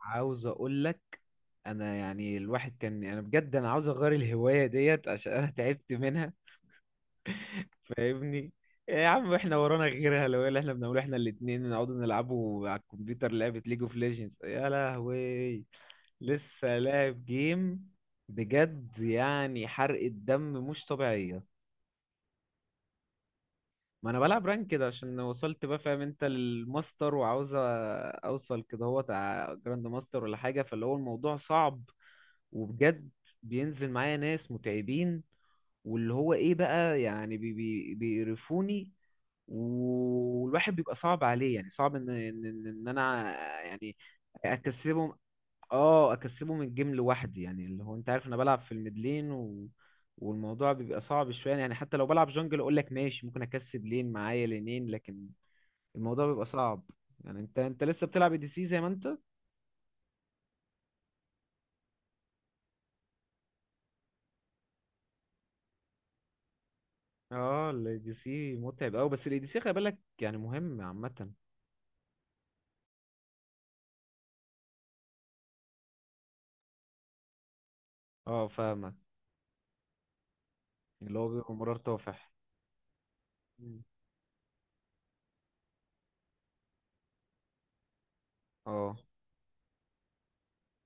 عاوز اقول لك، انا يعني الواحد كان انا بجد انا عاوز اغير الهوايه ديت عشان انا تعبت منها. فاهمني. يا عم احنا ورانا غيرها؟ لو إيه اللي احنا بنعمله؟ احنا الاتنين نقعد نلعبوا على الكمبيوتر لعبه ليج اوف ليجندز يا لهوي. لسه لاعب جيم؟ بجد يعني حرق الدم مش طبيعيه. ما انا بلعب رانك كده عشان وصلت بقى، فاهم انت، للماستر وعاوز اوصل كده هو جراند ماستر ولا حاجه، فاللي هو الموضوع صعب وبجد. بينزل معايا ناس متعبين واللي هو ايه بقى يعني بي بي بيقرفوني. والواحد بيبقى صعب عليه يعني صعب ان ان ان إن انا يعني اكسبهم. اه اكسبه من الجيم لوحدي يعني اللي هو انت عارف انا بلعب في الميدلين و... والموضوع بيبقى صعب شويه يعني حتى لو بلعب جونجل اقول لك ماشي ممكن اكسب لين معايا لينين لكن الموضوع بيبقى صعب. يعني انت لسه بتلعب دي سي زي ما انت؟ اه الاي دي سي متعب قوي بس الاي دي سي خلي بالك يعني مهم عامه. اه فاهمك، اللي هو بيبقى مرار طافح. مم. اه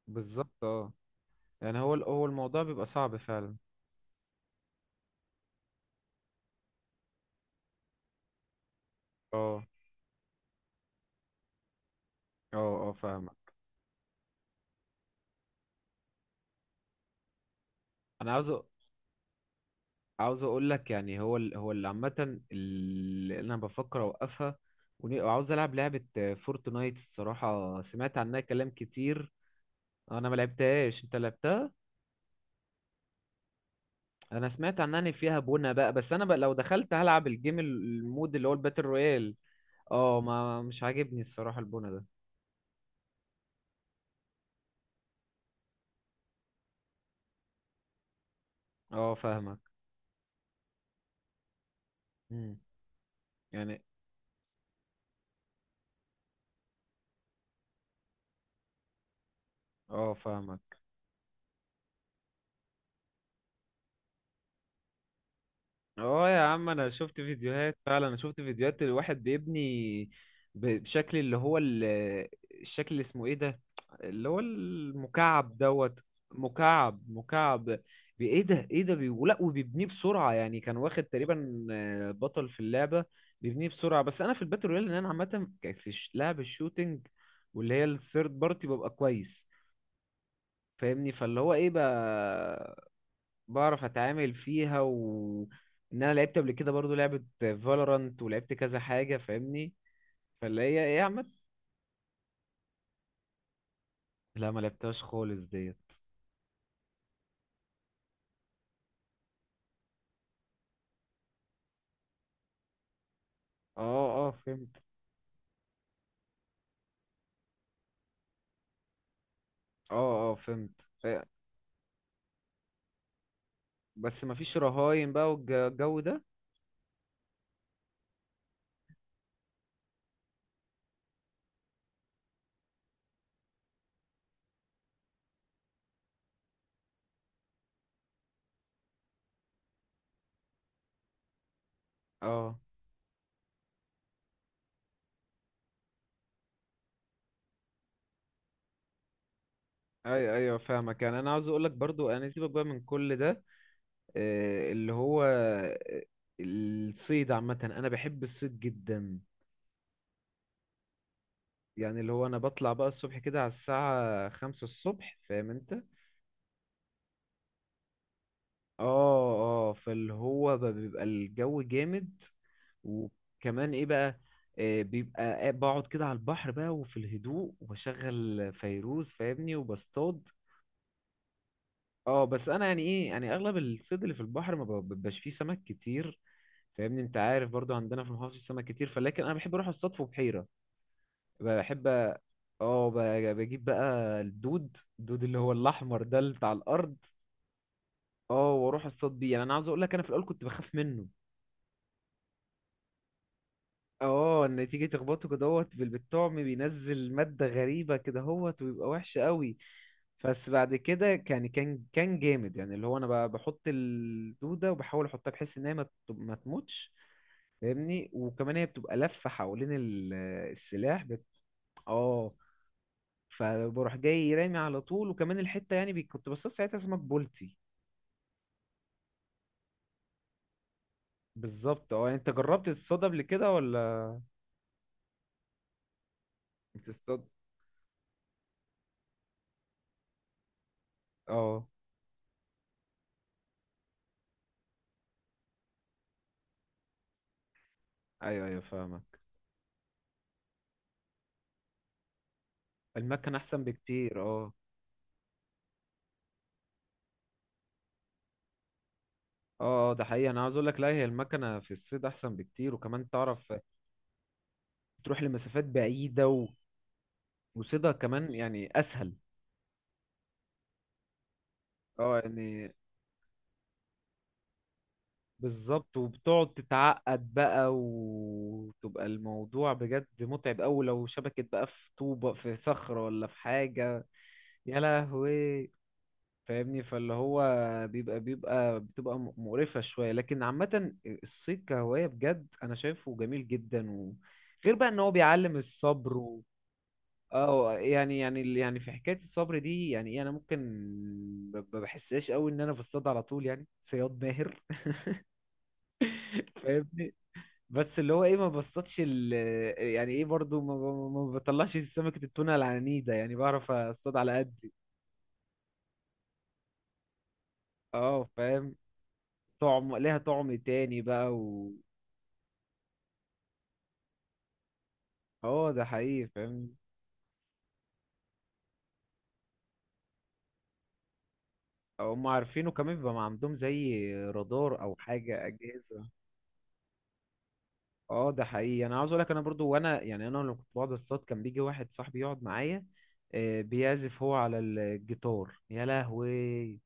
بالظبط اه يعني هو الموضوع بيبقى صعب فعلا. اه اه اه فاهمك. انا عاوز عاوز اقول لك يعني هو اللي عامه اللي انا بفكر اوقفها. وعاوز العب لعبه فورتنايت الصراحه سمعت عنها كلام كتير. انا ما لعبتهاش، انت لعبتها؟ انا سمعت عنها ان فيها بونة بقى، بس انا بقى لو دخلت هلعب الجيم المود اللي هو الباتل رويال. اه ما مش عاجبني الصراحه البونة ده. اه فاهمك. مم. يعني اه فاهمك. اه يا عم انا شفت فيديوهات فعلا، انا شفت فيديوهات الواحد بيبني بشكل اللي هو الشكل اللي اسمه ايه ده اللي هو المكعب دوت. مكعب مكعب ايه ده ولا وبيبنيه بسرعة يعني كان واخد تقريبا بطل في اللعبة. بيبنيه بسرعة، بس انا في الباتل رويال ان انا عامة في لعب الشوتينج واللي هي الثيرد بارتي ببقى كويس فاهمني. فاللي هو ايه بقى؟ بعرف اتعامل فيها و ان انا لعبت قبل كده برضو لعبة فالورانت ولعبت كذا حاجة فاهمني. فاللي هي ايه يا عم؟ لا ما لعبتهاش خالص ديت. اه اه فهمت. اه اه فهمت إيه، بس ما فيش رهاين بقى والجو ده. اه اي ايوه فاهمك، يعني انا عاوز اقول لك برضو انا سيبك بقى من كل ده إيه، اللي هو الصيد عامة انا بحب الصيد جدا. يعني اللي هو انا بطلع بقى الصبح كده على الساعة 5 الصبح فاهم انت. اه اه فاللي هو بقى بيبقى الجو جامد. وكمان ايه بقى؟ بيبقى بقعد كده على البحر بقى وفي الهدوء وبشغل فيروز فاهمني وبصطاد. اه بس انا يعني ايه يعني اغلب الصيد اللي في البحر ما بيبقاش فيه سمك كتير فاهمني. انت عارف برضو عندنا في المحافظة سمك كتير فلكن انا بحب اروح اصطاد في بحيرة، بحب اه بجيب بقى الدود اللي هو الاحمر ده اللي بتاع الارض. اه واروح اصطاد بيه، يعني انا عاوز اقول لك انا في الاول كنت بخاف منه. اه ان تيجي تخبطه كده هوت بالطعم بينزل مادة غريبة كده هوت ويبقى وحش قوي. بس بعد كده كان جامد يعني اللي هو انا بحط الدودة وبحاول احطها بحيث ان هي ما ما تموتش فاهمني. وكمان هي بتبقى لفة حوالين السلاح اه فبروح جاي رامي على طول، وكمان الحتة يعني كنت بصطاد ساعتها سمك بولتي. بالظبط اه يعني انت جربت تصطاد قبل كده ولا بتصطاد؟ اه ايوه ايوه فاهمك. المكن احسن بكتير اه. اه اه ده حقيقي انا عاوز اقول لك، لا هي المكنه في الصيد احسن بكتير وكمان تعرف تروح لمسافات بعيده و... وصيدها كمان يعني اسهل. اه يعني بالظبط، وبتقعد تتعقد بقى وتبقى الموضوع بجد متعب قوي لو شبكت بقى في طوبه في صخره ولا في حاجه. يا لهوي فاهمني فاللي هو بيبقى بيبقى بتبقى مقرفه شويه لكن عامه الصيد كهوايه بجد انا شايفه جميل جدا و... غير بقى ان هو بيعلم الصبر. اه يعني في حكايه الصبر دي يعني ايه انا ممكن ما بحسهاش قوي ان انا بصطاد على طول، يعني صياد ماهر فاهمني، بس اللي هو ايه ما بصطادش ال يعني ايه برضو ما بطلعش سمكه التونه العنيده يعني بعرف اصطاد على قدي. اه فاهم، طعم ليها طعم تاني بقى و اه ده حقيقي فاهم. هم عارفينه كمان بيبقى ما عندهم زي رادار او حاجه اجهزه. اه ده حقيقي انا عاوز اقول لك انا برضو وانا يعني انا لما كنت بقعد اصطاد كان بيجي واحد صاحبي يقعد معايا بيعزف هو على الجيتار يا لهوي.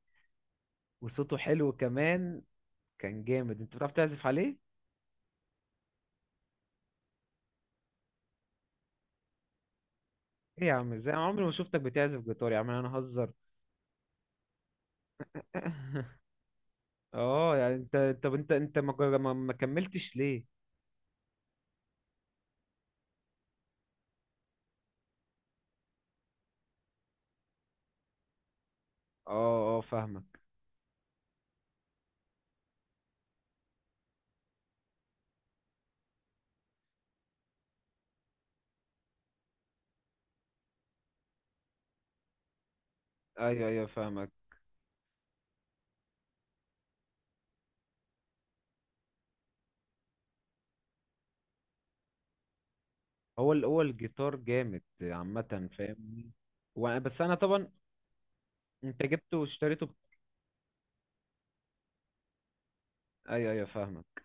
وصوته حلو كمان، كان جامد، انت بتعرف تعزف عليه؟ ايه يا عم؟ ازاي انا عمري ما شفتك بتعزف جيتار يا عم انا هزر اه يعني انت طب انت ما كملتش ليه؟ اه اه فاهمك. ايوه ايوه فاهمك. هو الجيتار جامد عامه فاهمني. وانا بس انا طبعا انت جبته واشتريته ايوه ايوه فاهمك.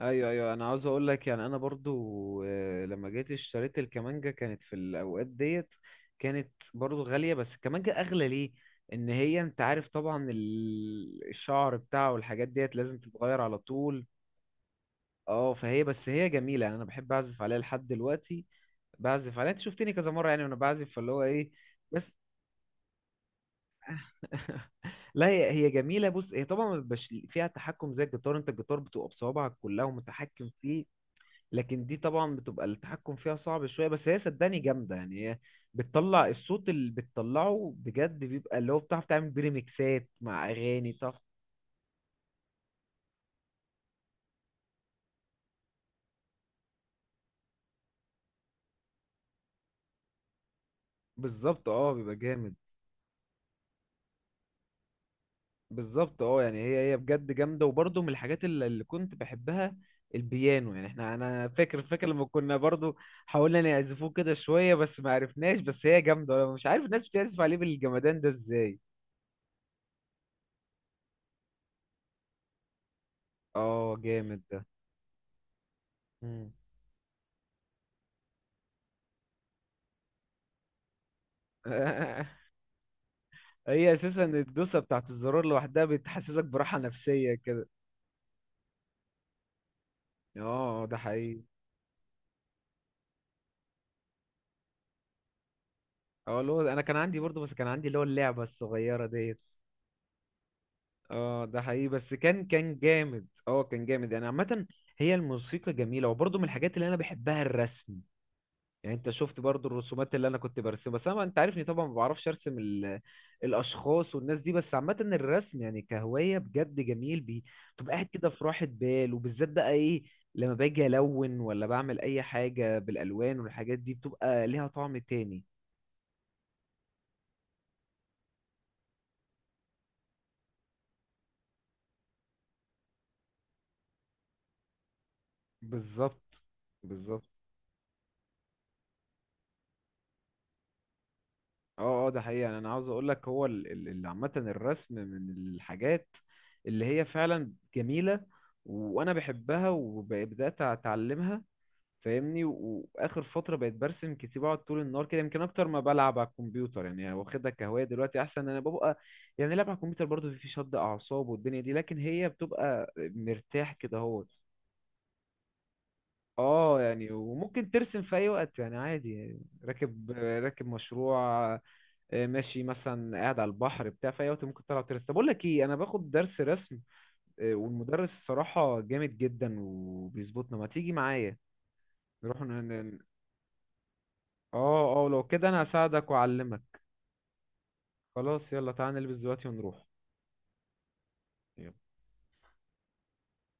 ايوه ايوه انا عاوز اقول لك يعني انا برضو لما جيت اشتريت الكمانجا كانت في الاوقات ديت كانت برضو غاليه، بس الكمانجا اغلى ليه ان هي انت عارف طبعا الشعر بتاعه والحاجات ديت لازم تتغير على طول. اه فهي بس هي جميله يعني انا بحب اعزف عليها لحد دلوقتي، بعزف عليها انت شفتني كذا مره يعني وانا بعزف فاللي هو ايه. بس لا هي جميله، بص هي طبعا ما بيبقاش فيها تحكم زي الجيتار، انت الجيتار بتبقى بصوابعك كلها ومتحكم فيه. لكن دي طبعا بتبقى التحكم فيها صعب شويه، بس هي صدقني جامده يعني هي بتطلع الصوت اللي بتطلعه بجد بيبقى اللي هو بتعرف تعمل بيه ريميكسات مع اغاني بتعرف. بالظبط اه بيبقى جامد. بالظبط اه يعني هي بجد جامده وبرضه من الحاجات اللي كنت بحبها البيانو. يعني احنا انا فاكر لما كنا برضه حاولنا نعزفوه كده شويه بس ما عرفناش، بس هي جامده انا مش عارف الناس بتعزف عليه بالجمدان ده ازاي. اه جامد ده. مم. هي اساسا الدوسه بتاعت الزرار لوحدها بتحسسك براحه نفسيه كده. اه ده حقيقي. اه اللي هو انا كان عندي برضو، بس كان عندي اللي هو اللعبه الصغيره ديت. اه ده حقيقي، بس كان جامد اه كان جامد يعني عامه. هي الموسيقى جميله وبرضو من الحاجات اللي انا بحبها الرسم. يعني انت شفت برضو الرسومات اللي انا كنت برسمها، بس انا انت عارفني طبعا ما بعرفش ارسم ال... الاشخاص والناس دي، بس عامه الرسم يعني كهوايه بجد جميل بتبقى قاعد كده في راحه بال وبالذات بقى ايه، لما باجي الون ولا بعمل اي حاجه بالالوان والحاجات دي بتبقى ليها طعم تاني. بالظبط. بالظبط اه اه ده حقيقي يعني انا عاوز اقول لك هو عامه الرسم من الحاجات اللي هي فعلا جميله وانا بحبها وبدات اتعلمها فاهمني، واخر فتره بقيت برسم كتير بقعد طول النهار كده يمكن اكتر ما بلعب على الكمبيوتر يعني واخدها كهوايه دلوقتي احسن إن انا ببقى. يعني لعب على الكمبيوتر برضه في شد اعصاب والدنيا دي، لكن هي بتبقى مرتاح كده اهوت. اه يعني وممكن ترسم في اي وقت يعني عادي يعني راكب مشروع ماشي مثلا قاعد على البحر بتاع في اي وقت ممكن تطلع ترسم، طب اقول لك ايه، انا باخد درس رسم والمدرس الصراحه جامد جدا وبيظبطنا، ما تيجي معايا، نروح ن- اه اه لو كده انا هساعدك واعلمك. خلاص يلا تعالى نلبس دلوقتي ونروح. يلا.